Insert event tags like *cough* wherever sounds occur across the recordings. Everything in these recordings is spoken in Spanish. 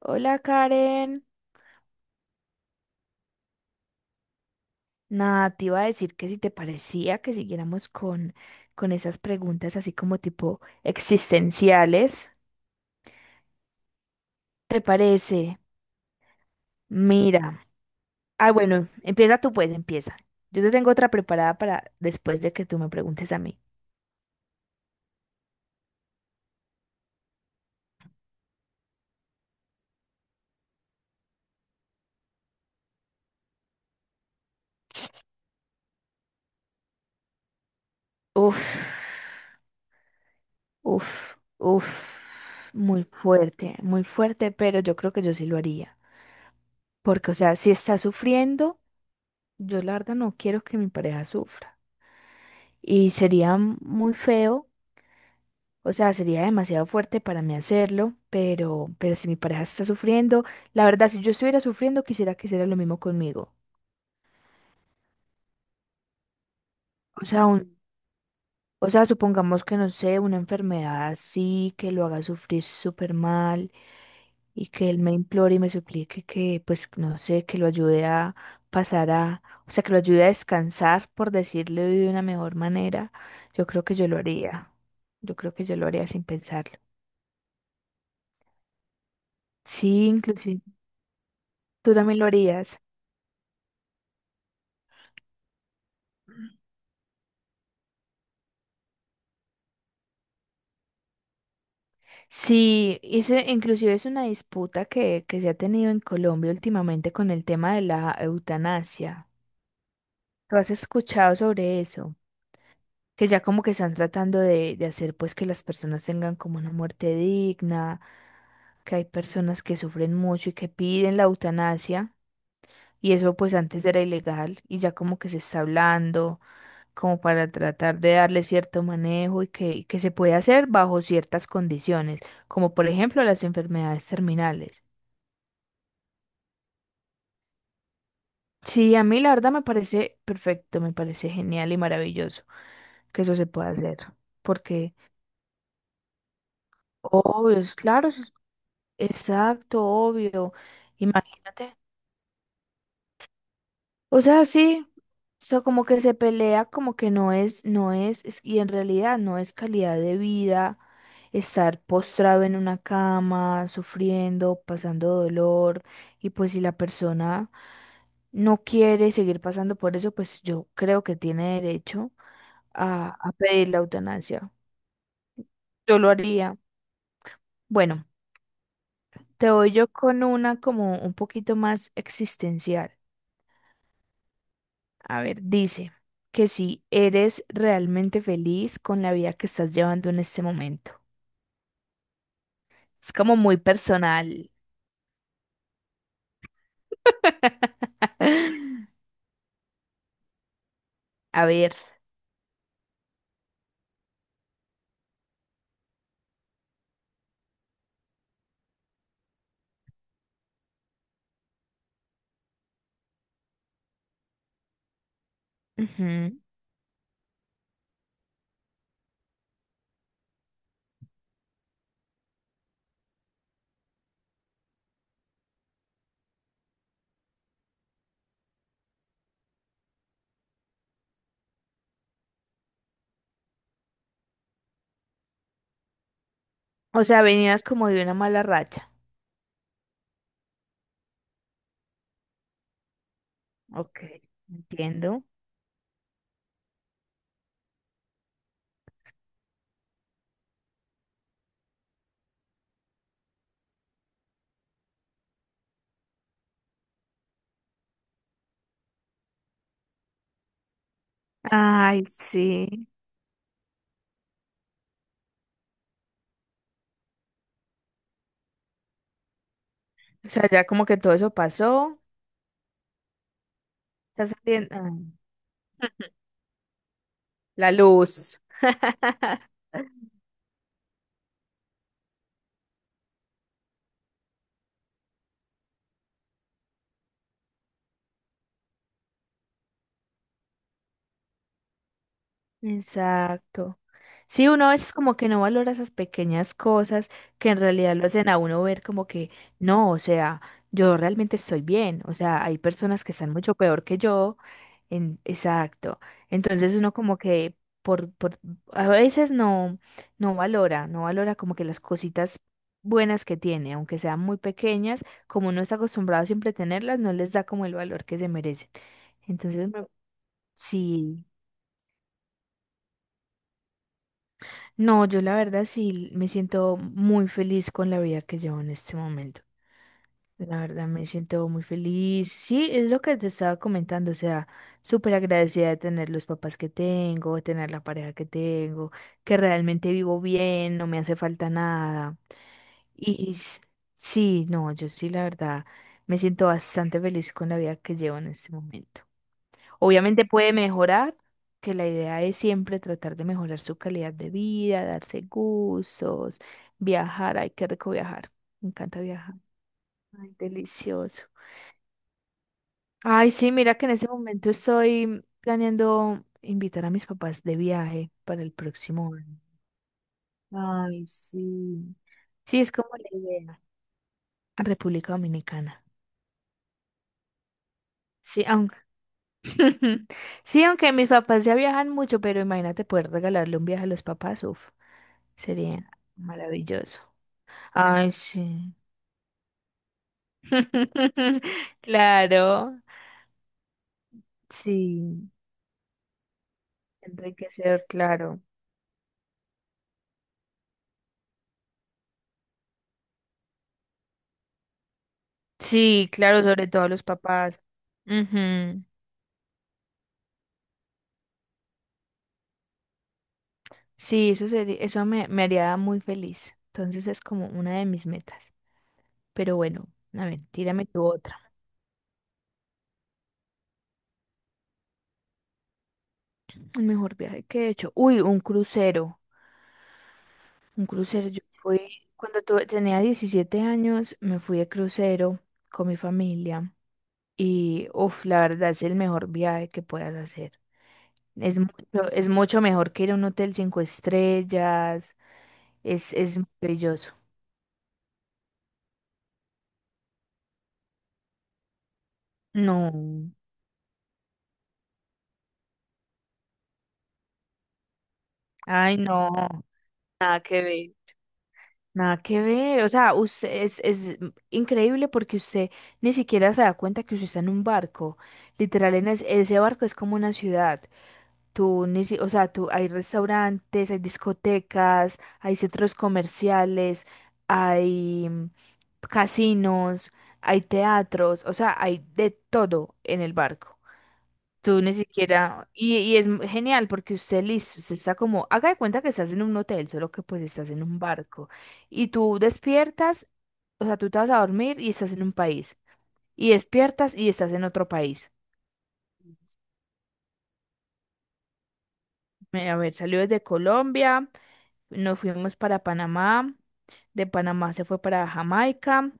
Hola, Karen. Nada, te iba a decir que si te parecía que siguiéramos con esas preguntas así como tipo existenciales. ¿Te parece? Mira. Ah, bueno, empieza tú pues, empieza. Yo te tengo otra preparada para después de que tú me preguntes a mí. Uf, uf, uf. Muy fuerte, pero yo creo que yo sí lo haría. Porque, o sea, si está sufriendo, yo la verdad no quiero que mi pareja sufra. Y sería muy feo. O sea, sería demasiado fuerte para mí hacerlo, pero si mi pareja está sufriendo, la verdad, si yo estuviera sufriendo, quisiera que hiciera lo mismo conmigo. O sea, un, o sea, supongamos que no sé, una enfermedad así, que lo haga sufrir súper mal y que él me implore y me suplique que, pues, no sé, que lo ayude a pasar a, o sea, que lo ayude a descansar, por decirlo de una mejor manera. Yo creo que yo lo haría. Yo creo que yo lo haría sin pensarlo. Sí, inclusive tú también lo harías. Sí, ese inclusive es una disputa que se ha tenido en Colombia últimamente con el tema de la eutanasia. ¿Tú has escuchado sobre eso? Que ya como que están tratando de hacer pues que las personas tengan como una muerte digna, que hay personas que sufren mucho y que piden la eutanasia, y eso pues antes era ilegal y ya como que se está hablando como para tratar de darle cierto manejo y que se puede hacer bajo ciertas condiciones, como por ejemplo las enfermedades terminales. Sí, a mí la verdad me parece perfecto, me parece genial y maravilloso que eso se pueda hacer, porque obvio, es claro, exacto, obvio, imagínate. O sea, sí, como que se pelea, como que no es, no es, es- y en realidad no es calidad de vida estar postrado en una cama, sufriendo, pasando dolor, y pues si la persona no quiere seguir pasando por eso, pues yo creo que tiene derecho a pedir la eutanasia. Yo lo haría. Bueno, te voy yo con una como un poquito más existencial. A ver, dice que si eres realmente feliz con la vida que estás llevando en este momento. Es como muy personal. *laughs* A ver. Ujú. O sea, venías como de una mala racha. Ok, entiendo. Ay, sí. O sea, ya como que todo eso pasó. Estás saliendo. Ah, la luz. *laughs* Exacto. Sí, uno a veces como que no valora esas pequeñas cosas que en realidad lo hacen a uno ver como que no, o sea, yo realmente estoy bien, o sea, hay personas que están mucho peor que yo, exacto. Entonces uno como que por a veces no valora como que las cositas buenas que tiene, aunque sean muy pequeñas, como uno está acostumbrado siempre a tenerlas, no les da como el valor que se merecen. Entonces, me- sí. No, yo la verdad sí me siento muy feliz con la vida que llevo en este momento. La verdad me siento muy feliz. Sí, es lo que te estaba comentando, o sea, súper agradecida de tener los papás que tengo, de tener la pareja que tengo, que realmente vivo bien, no me hace falta nada. Y s- sí, no, yo sí la verdad me siento bastante feliz con la vida que llevo en este momento. Obviamente puede mejorar, que la idea es siempre tratar de mejorar su calidad de vida, darse gustos, viajar. Ay, qué rico viajar. Me encanta viajar. Ay, delicioso. Ay, sí, mira que en ese momento estoy planeando invitar a mis papás de viaje para el próximo año. Ay, sí. Sí, es como la idea. República Dominicana. Sí, aunque *laughs* sí, aunque mis papás ya viajan mucho, pero imagínate poder regalarle un viaje a los papás, uf. Sería maravilloso. Ay, sí. *laughs* Claro, sí, enriquecer, claro. Sí, claro, sobre todo a los papás. Ujú. Sí, eso me haría muy feliz. Entonces es como una de mis metas. Pero bueno, a ver, tírame tu otra. El mejor viaje que he hecho. Uy, un crucero. Un crucero. Yo fui, cuando tenía 17 años, me fui de crucero con mi familia. Y, uff, la verdad es el mejor viaje que puedas hacer. Es mucho mejor que ir a un hotel cinco estrellas. Es maravilloso. No. Ay, no. Nada que ver. Nada que ver. O sea, usted es increíble porque usted ni siquiera se da cuenta que usted está en un barco. Literal, ese barco es como una ciudad. Tú, ni si- o sea, tú, hay restaurantes, hay discotecas, hay centros comerciales, hay casinos, hay teatros, o sea, hay de todo en el barco. Tú ni siquiera, y genial porque usted listo, usted está como, haga de cuenta que estás en un hotel, solo que pues estás en un barco. Y tú despiertas, o sea, tú te vas a dormir y estás en un país. Y despiertas y estás en otro país. A ver, salió desde Colombia. Nos fuimos para Panamá, de Panamá se fue para Jamaica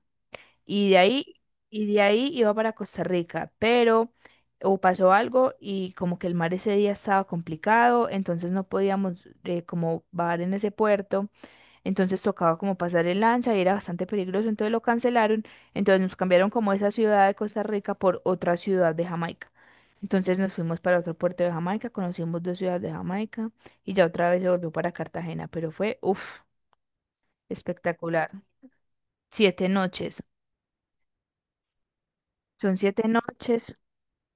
y de ahí iba para Costa Rica, pero o pasó algo y como que el mar ese día estaba complicado, entonces no podíamos como bajar en ese puerto, entonces tocaba como pasar el lancha y era bastante peligroso, entonces lo cancelaron, entonces nos cambiaron como esa ciudad de Costa Rica por otra ciudad de Jamaica. Entonces nos fuimos para otro puerto de Jamaica, conocimos dos ciudades de Jamaica y ya otra vez se volvió para Cartagena, pero fue, uff, espectacular. 7 noches, son 7 noches.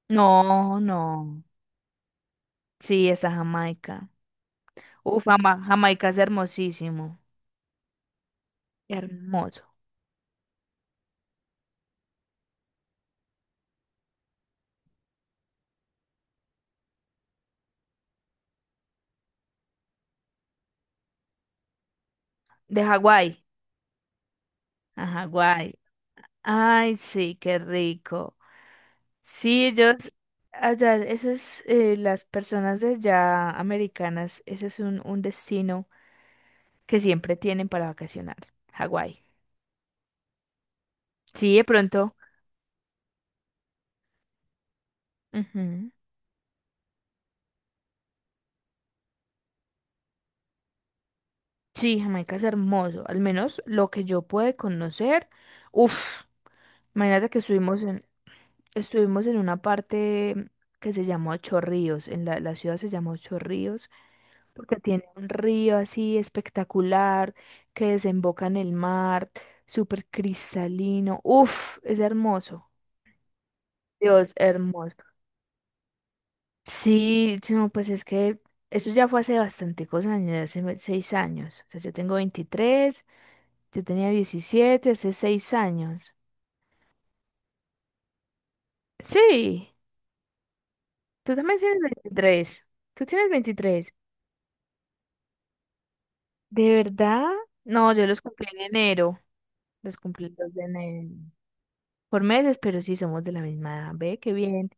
No, no, sí, esa Jamaica. Uf, Jamaica es hermosísimo, hermoso. De Hawái, a Hawái. Ay, sí, qué rico. Sí, ellos, allá, las personas de allá americanas, ese es un destino que siempre tienen para vacacionar, Hawái. Sí, de pronto. Ujú. Sí, Jamaica es hermoso, al menos lo que yo pude conocer. Uf, imagínate que estuvimos en una parte que se llamó Ocho Ríos, en la ciudad se llamó Ocho Ríos, porque tiene un río así espectacular que desemboca en el mar, súper cristalino. Uf, es hermoso. Dios, hermoso. Sí, no, pues es que eso ya fue hace bastanticos años, 6 años. O sea, yo tengo 23, yo tenía 17 hace 6 años. Sí, tú también tienes 23. Tú tienes 23. ¿De verdad? No, yo los cumplí en enero. Los cumplí el 2 de enero. Por meses, pero sí somos de la misma edad. Ve, qué bien.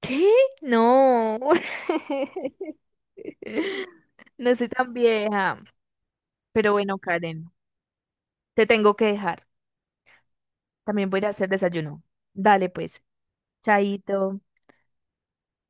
¿Qué? No. *laughs* No soy tan vieja. Pero bueno, Karen, te tengo que dejar. También voy a ir a hacer desayuno. Dale, pues. Chaito.